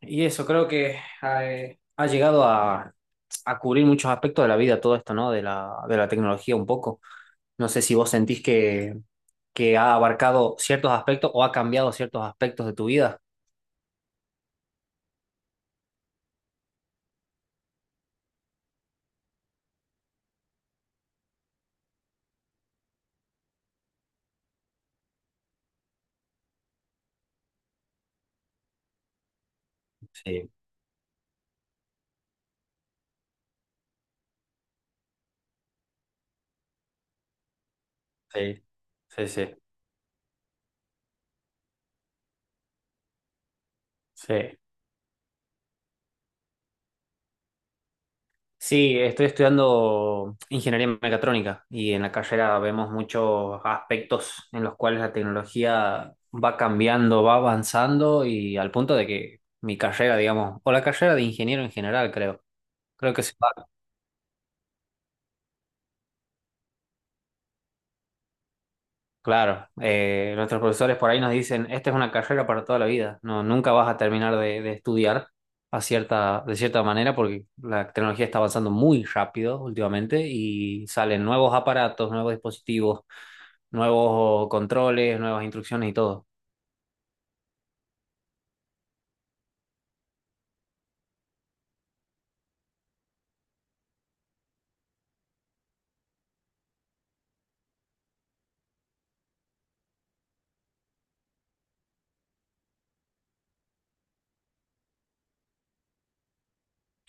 Y eso creo que llegado a cubrir muchos aspectos de la vida, todo esto, ¿no? De la tecnología un poco. No sé si vos sentís que ha abarcado ciertos aspectos o ha cambiado ciertos aspectos de tu vida. Sí, sí, sí, sí, sí. Sí, estoy estudiando ingeniería mecatrónica y en la carrera vemos muchos aspectos en los cuales la tecnología va cambiando, va avanzando y al punto de que mi carrera, digamos, o la carrera de ingeniero en general, creo que se va. Claro, nuestros profesores por ahí nos dicen, esta es una carrera para toda la vida, no, nunca vas a terminar de estudiar a cierta, de cierta manera porque la tecnología está avanzando muy rápido últimamente y salen nuevos aparatos, nuevos dispositivos, nuevos controles, nuevas instrucciones y todo.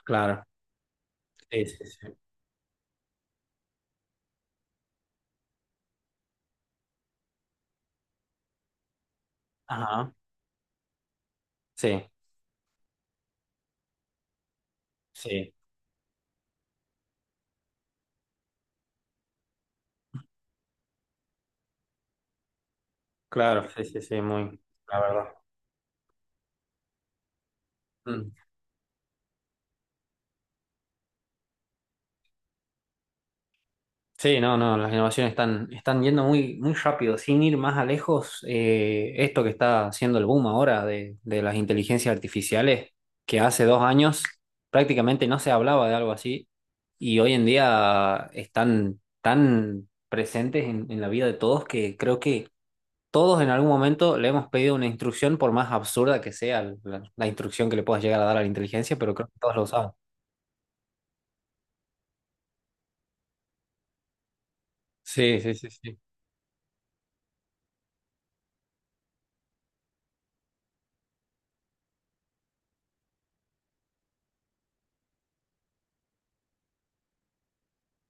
Claro. Sí, sí, sí. Ajá. Sí, sí, claro, sí, sí, sí, muy, la verdad. Mm. Sí, no, no, las innovaciones están yendo muy, muy rápido. Sin ir más a lejos, esto que está haciendo el boom ahora de las inteligencias artificiales, que hace dos años prácticamente no se hablaba de algo así, y hoy en día están tan presentes en la vida de todos que creo que todos en algún momento le hemos pedido una instrucción, por más absurda que sea la instrucción que le puedas llegar a dar a la inteligencia, pero creo que todos lo usamos. Sí, sí, sí, sí,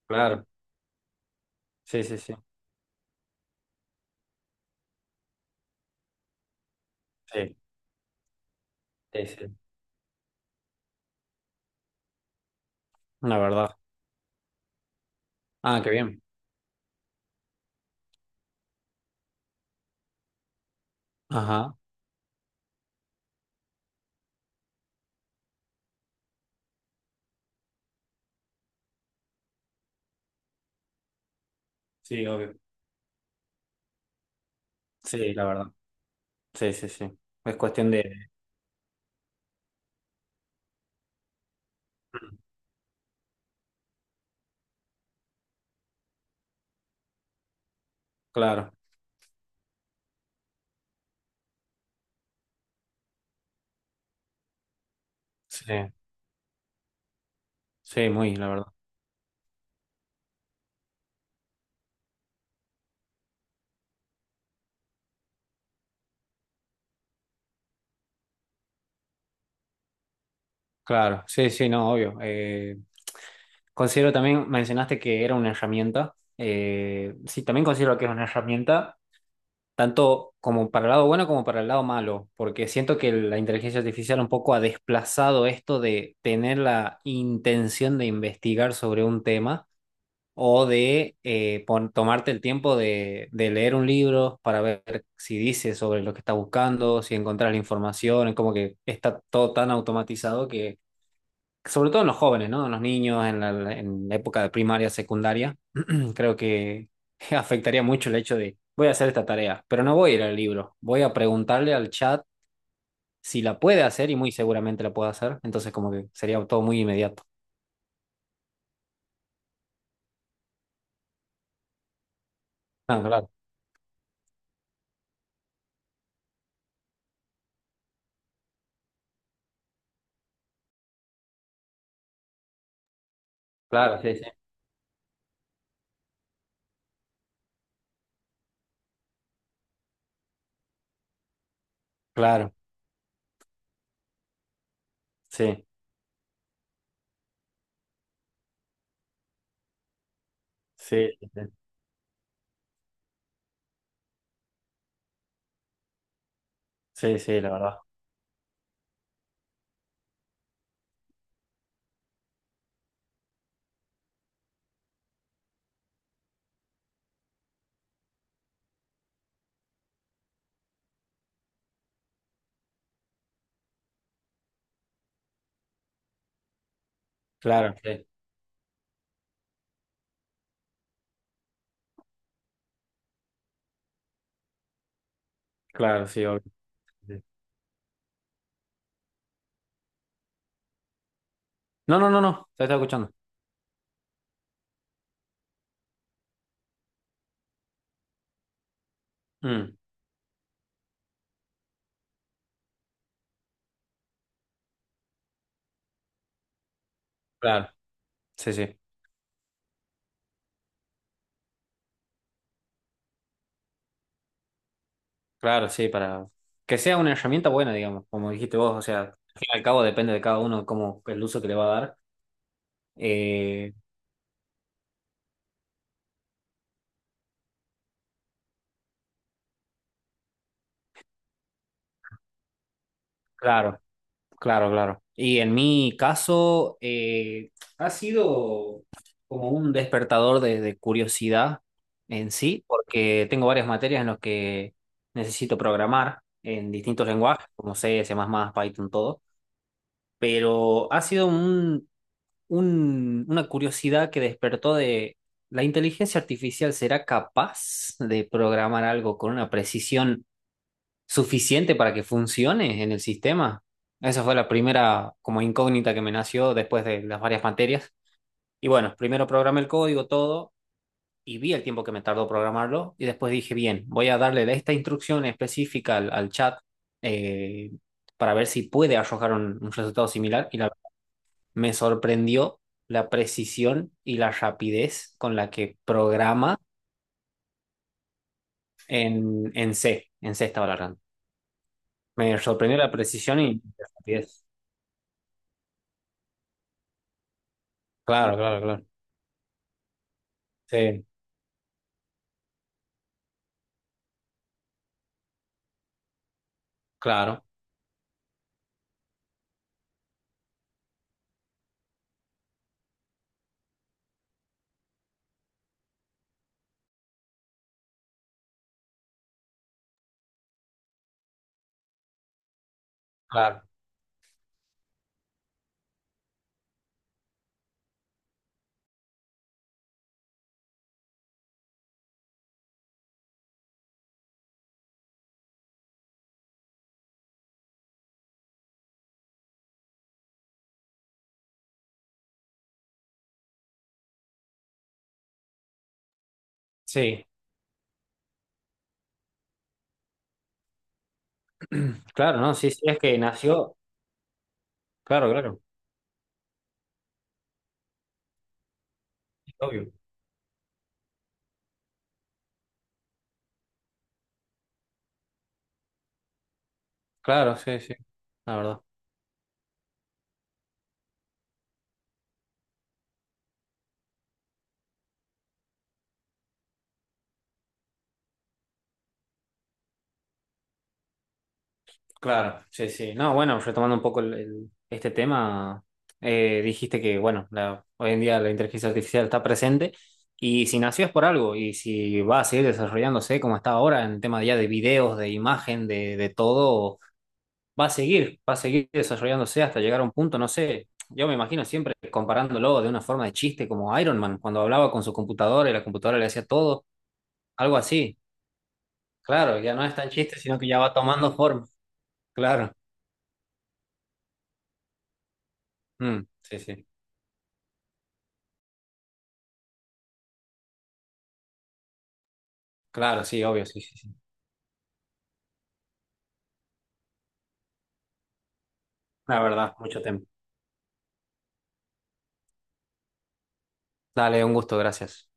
claro. Sí, sí, sí, sí, sí, sí, la verdad. Ah, qué bien. Ajá. Sí, obvio. Sí, la verdad. Sí, sí, sí. Es cuestión de... Claro. Sí, sí, muy, la verdad. Claro. Sí, sí, no, obvio. Considero también, mencionaste que era una herramienta. Sí, también considero que es una herramienta tanto como para el lado bueno como para el lado malo, porque siento que la inteligencia artificial un poco ha desplazado esto de tener la intención de investigar sobre un tema o de tomarte el tiempo de leer un libro para ver si dice sobre lo que estás buscando, si encontrás la información. Es como que está todo tan automatizado que, sobre todo en los jóvenes, ¿no? En los niños, en la época de primaria, secundaria. Creo que afectaría mucho el hecho de voy a hacer esta tarea, pero no voy a ir al libro, voy a preguntarle al chat si la puede hacer, y muy seguramente la puede hacer, entonces como que sería todo muy inmediato. Ah, claro, claro, sí, sí. Claro, sí, sí, sí, sí, sí, sí, la verdad. Claro, sí, claro, sí, obvio. Sí. No, no, no, no, te estaba escuchando. Mm, claro, sí, sí, claro, sí, para que sea una herramienta buena, digamos, como dijiste vos. O sea, al fin y al cabo depende de cada uno cómo el uso que le va a dar. Eh, claro. Claro, claro. Y en mi caso ha sido como un despertador de curiosidad en sí, porque tengo varias materias en las que necesito programar en distintos lenguajes, como C, C++, Python, todo. Pero ha sido una curiosidad que despertó de ¿la inteligencia artificial será capaz de programar algo con una precisión suficiente para que funcione en el sistema? Esa fue la primera como incógnita que me nació después de las varias materias. Y bueno, primero programé el código, todo, y vi el tiempo que me tardó programarlo, y después dije, bien, voy a darle esta instrucción específica al chat, eh, para ver si puede arrojar un resultado similar, y la, me sorprendió la precisión y la rapidez con la que programa en C. En C estaba largando. Me sorprendió la precisión y la rapidez. Claro, claro, claro. Sí, claro, claro. Sí, claro, no, sí, sí, es que nació, claro, claro, obvio. Claro, sí, sí, la verdad. Claro, sí, sí. No, bueno, retomando un poco este tema, dijiste que, bueno, hoy en día la inteligencia artificial está presente y si nació es por algo, y si va a seguir desarrollándose como está ahora en tema ya de videos, de imagen, de todo, va a seguir desarrollándose hasta llegar a un punto, no sé. Yo me imagino siempre comparándolo de una forma de chiste, como Iron Man, cuando hablaba con su computadora y la computadora le hacía todo, algo así. Claro, ya no es tan chiste, sino que ya va tomando forma. Claro. Mm, sí, sí. Claro, sí, obvio, sí, sí, sí. La verdad, mucho tiempo. Dale, un gusto, gracias.